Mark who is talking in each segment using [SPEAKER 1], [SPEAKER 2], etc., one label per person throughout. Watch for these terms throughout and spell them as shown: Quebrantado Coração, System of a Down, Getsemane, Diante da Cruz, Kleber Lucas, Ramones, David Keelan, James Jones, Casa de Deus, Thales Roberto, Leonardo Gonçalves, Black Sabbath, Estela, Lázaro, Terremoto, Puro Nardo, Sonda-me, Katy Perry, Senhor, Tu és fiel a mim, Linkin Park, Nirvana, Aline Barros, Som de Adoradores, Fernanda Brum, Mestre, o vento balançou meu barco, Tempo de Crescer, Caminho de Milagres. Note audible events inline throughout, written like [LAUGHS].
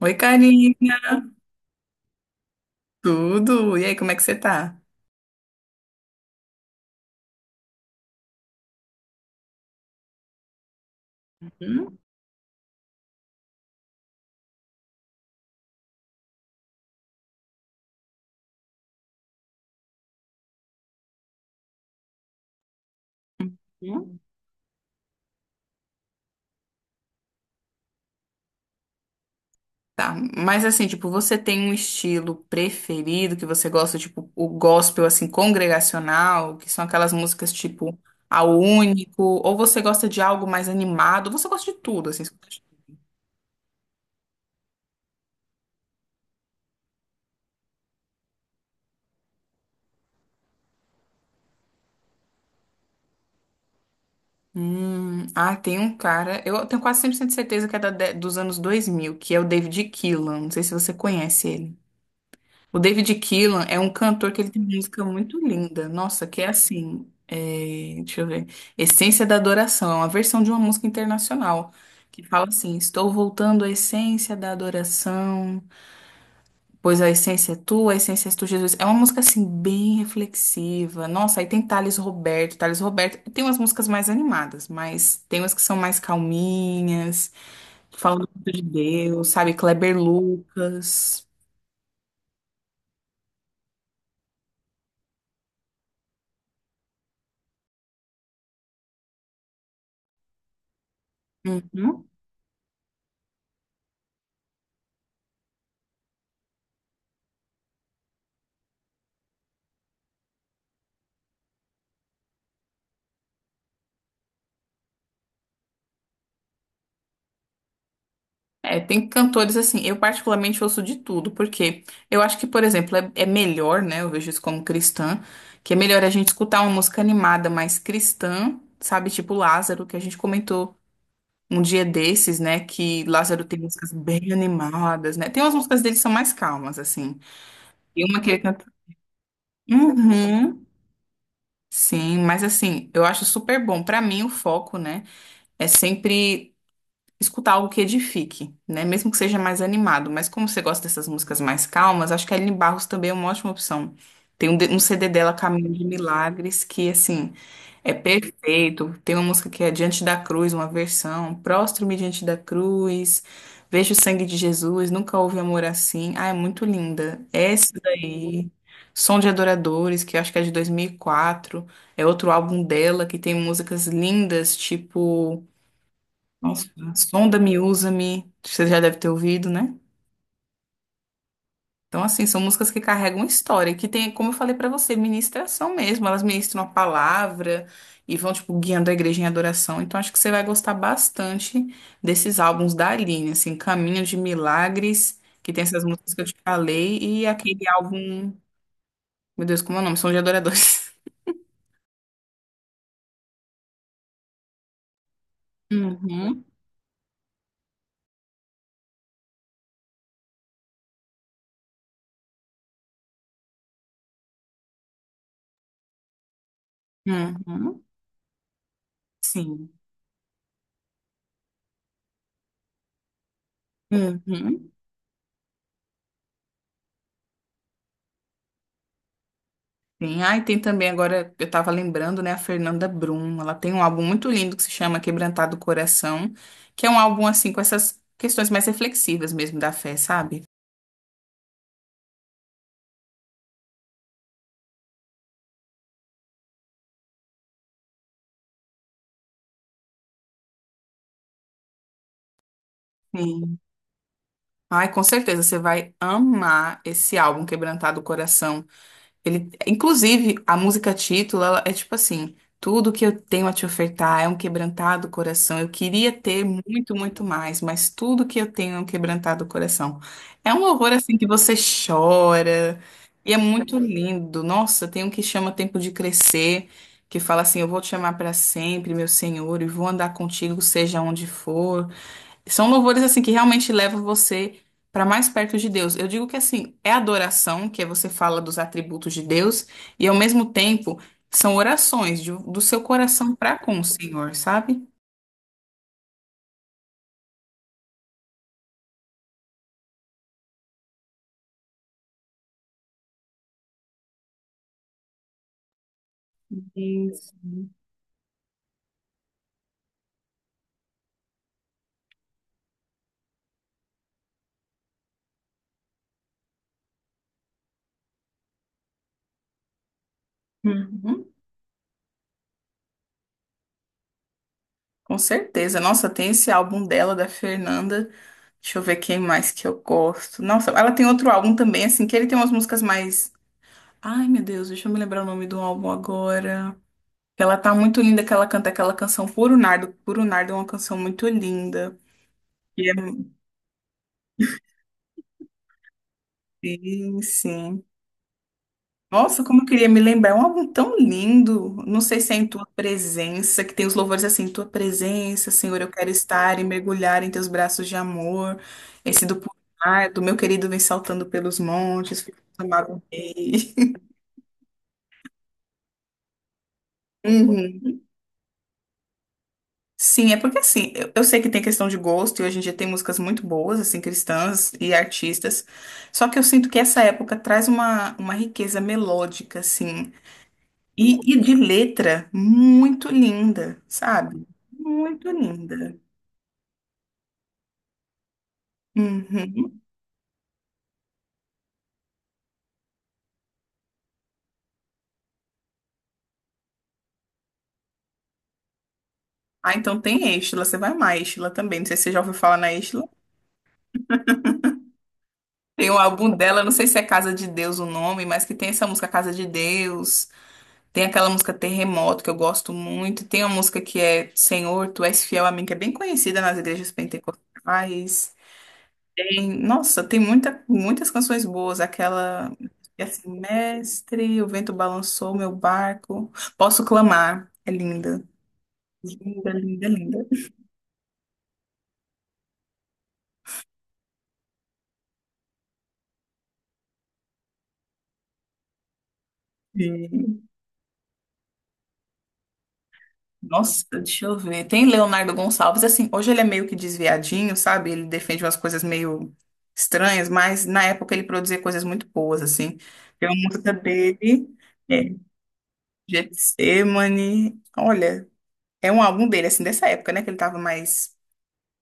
[SPEAKER 1] Oi, Karina, tudo? E aí, como é que você tá? Hum, hum. Tá, mas assim, tipo, você tem um estilo preferido que você gosta, tipo, o gospel, assim, congregacional, que são aquelas músicas, tipo, ao único, ou você gosta de algo mais animado, você gosta de tudo, assim. Você gosta de- ah, tem um cara, eu tenho quase 100% de certeza que é dos anos 2000, que é o David Keelan, não sei se você conhece ele. O David Keelan é um cantor que ele tem música muito linda. Nossa, que é assim. É, deixa eu ver. Essência da Adoração. É uma versão de uma música internacional. Que fala assim: estou voltando à essência da adoração. Pois a essência é tua, a essência é tu, Jesus. É uma música assim, bem reflexiva. Nossa, aí tem Thales Roberto. Thales Roberto tem umas músicas mais animadas, mas tem umas que são mais calminhas, que falam muito de Deus, sabe? Kleber Lucas. Uhum. É, tem cantores assim, eu particularmente ouço de tudo, porque eu acho que, por exemplo, é melhor, né? Eu vejo isso como cristã, que é melhor a gente escutar uma música animada mais cristã, sabe? Tipo Lázaro, que a gente comentou um dia desses, né? Que Lázaro tem músicas bem animadas, né? Tem umas músicas dele que são mais calmas, assim. E uma que ele canta. Uhum. Sim, mas assim, eu acho super bom. Pra mim, o foco, né, é sempre escutar algo que edifique, né? Mesmo que seja mais animado. Mas como você gosta dessas músicas mais calmas, acho que a Aline Barros também é uma ótima opção. Tem um, um CD dela, Caminho de Milagres, que, assim, é perfeito. Tem uma música que é Diante da Cruz, uma versão. Prostro-me diante da cruz, vejo o sangue de Jesus, nunca houve amor assim. Ah, é muito linda. Essa daí, Som de Adoradores, que eu acho que é de 2004. É outro álbum dela, que tem músicas lindas, tipo... Nossa, Sonda-me, usa-me, você já deve ter ouvido, né? Então, assim, são músicas que carregam história, que tem, como eu falei pra você, ministração mesmo. Elas ministram a palavra e vão, tipo, guiando a igreja em adoração. Então, acho que você vai gostar bastante desses álbuns da Aline, assim, Caminho de Milagres, que tem essas músicas que eu te falei, e aquele álbum, meu Deus, como é o nome? São de Adoradores. [LAUGHS] Uhum, uhum, sim. Uhum. Tem, ah, e tem também agora, eu tava lembrando, né, a Fernanda Brum. Ela tem um álbum muito lindo que se chama Quebrantado Coração, que é um álbum assim com essas questões mais reflexivas mesmo da fé, sabe? Sim. Ai, com certeza você vai amar esse álbum Quebrantado Coração. Ele, inclusive, a música título, ela é tipo assim: tudo que eu tenho a te ofertar é um quebrantado coração. Eu queria ter muito, muito mais, mas tudo que eu tenho é um quebrantado coração. É um horror assim que você chora e é muito lindo. Nossa, tem um que chama Tempo de Crescer, que fala assim: eu vou te chamar para sempre, meu Senhor, e vou andar contigo, seja onde for. São louvores assim que realmente levam você para mais perto de Deus. Eu digo que assim, é adoração, que é você fala dos atributos de Deus, e ao mesmo tempo são orações do seu coração para com o Senhor, sabe? Isso. Uhum. Com certeza. Nossa, tem esse álbum dela, da Fernanda. Deixa eu ver quem mais que eu gosto. Nossa, ela tem outro álbum também, assim, que ele tem umas músicas mais. Ai, meu Deus, deixa eu me lembrar o nome do álbum agora. Ela tá muito linda que ela canta aquela canção Puro Nardo. Puro Nardo é uma canção muito linda. E é- Sim, sim. Nossa, como eu queria me lembrar. É um álbum tão lindo. Não sei se é em tua presença, que tem os louvores assim, tua presença, Senhor, eu quero estar e mergulhar em teus braços de amor. Esse do Puro Nardo, meu querido vem saltando pelos montes, foi chamado rei. [LAUGHS] Uhum. Sim, é porque assim, eu sei que tem questão de gosto e hoje em dia tem músicas muito boas, assim, cristãs e artistas. Só que eu sinto que essa época traz uma riqueza melódica, assim, e de letra muito linda, sabe? Muito linda. Uhum. Ah, então tem Estela, você vai amar Estela também. Não sei se você já ouviu falar na Estela. Tem um álbum dela, não sei se é Casa de Deus o nome, mas que tem essa música Casa de Deus. Tem aquela música Terremoto, que eu gosto muito. Tem uma música que é Senhor, Tu és fiel a mim, que é bem conhecida nas igrejas pentecostais. Tem, nossa, tem muita, muitas canções boas. Aquela, que é assim, Mestre, o vento balançou meu barco. Posso clamar. É linda. Linda, linda, linda. Sim. Nossa, deixa eu ver. Tem Leonardo Gonçalves, assim, hoje ele é meio que desviadinho, sabe? Ele defende umas coisas meio estranhas, mas na época ele produzia coisas muito boas, assim. Tem uma música dele, é, Getsemane. Olha, é um álbum dele, assim, dessa época, né? Que ele tava mais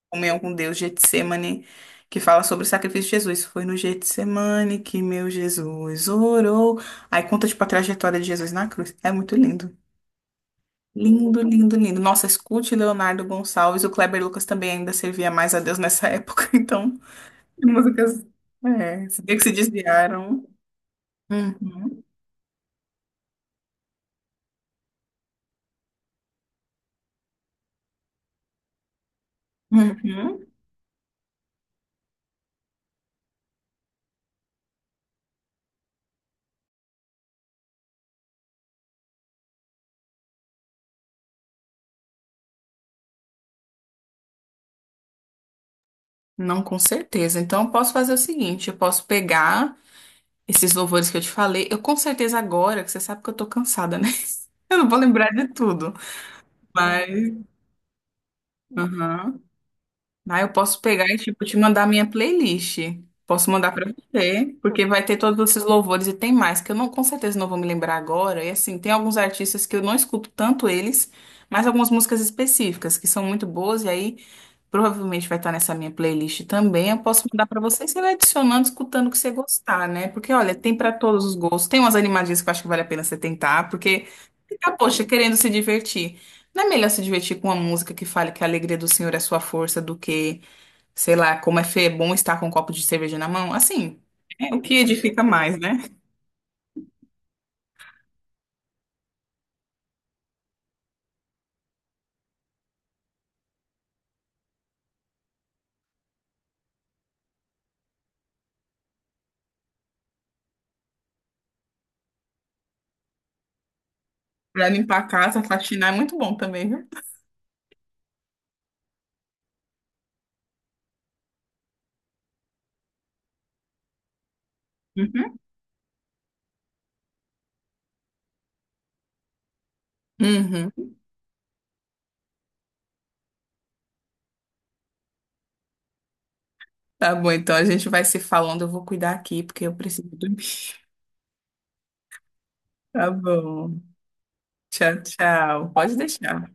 [SPEAKER 1] em comunhão com Deus, Getsemane, que fala sobre o sacrifício de Jesus. Foi no Getsemane que meu Jesus orou. Aí conta, tipo, a trajetória de Jesus na cruz. É muito lindo. Lindo, lindo, lindo. Nossa, escute Leonardo Gonçalves. O Kleber Lucas também ainda servia mais a Deus nessa época. [LAUGHS] Então, músicas. É, se bem que se desviaram. Uhum, uhum. Não, com certeza. Então, eu posso fazer o seguinte: eu posso pegar esses louvores que eu te falei. Eu, com certeza, agora, que você sabe que eu tô cansada, né? [LAUGHS] Eu não vou lembrar de tudo. Mas. Uhum. Ah, eu posso pegar e, tipo, te mandar minha playlist. Posso mandar pra você, porque vai ter todos esses louvores e tem mais, que eu não, com certeza não vou me lembrar agora. E assim, tem alguns artistas que eu não escuto tanto eles, mas algumas músicas específicas que são muito boas, e aí provavelmente vai estar nessa minha playlist também. Eu posso mandar pra você e você vai adicionando, escutando o que você gostar, né? Porque, olha, tem pra todos os gostos. Tem umas animadinhas que eu acho que vale a pena você tentar, porque fica, poxa, querendo se divertir. Não é melhor se divertir com uma música que fale que a alegria do Senhor é a sua força do que sei lá, como é bom estar com um copo de cerveja na mão. Assim, é o que edifica mais, né? Pra limpar a casa, faxinar é muito bom também, viu? Uhum. Uhum. Tá bom, então a gente vai se falando. Eu vou cuidar aqui porque eu preciso dormir. [LAUGHS] Tá bom. Tchau, tchau. Pode deixar.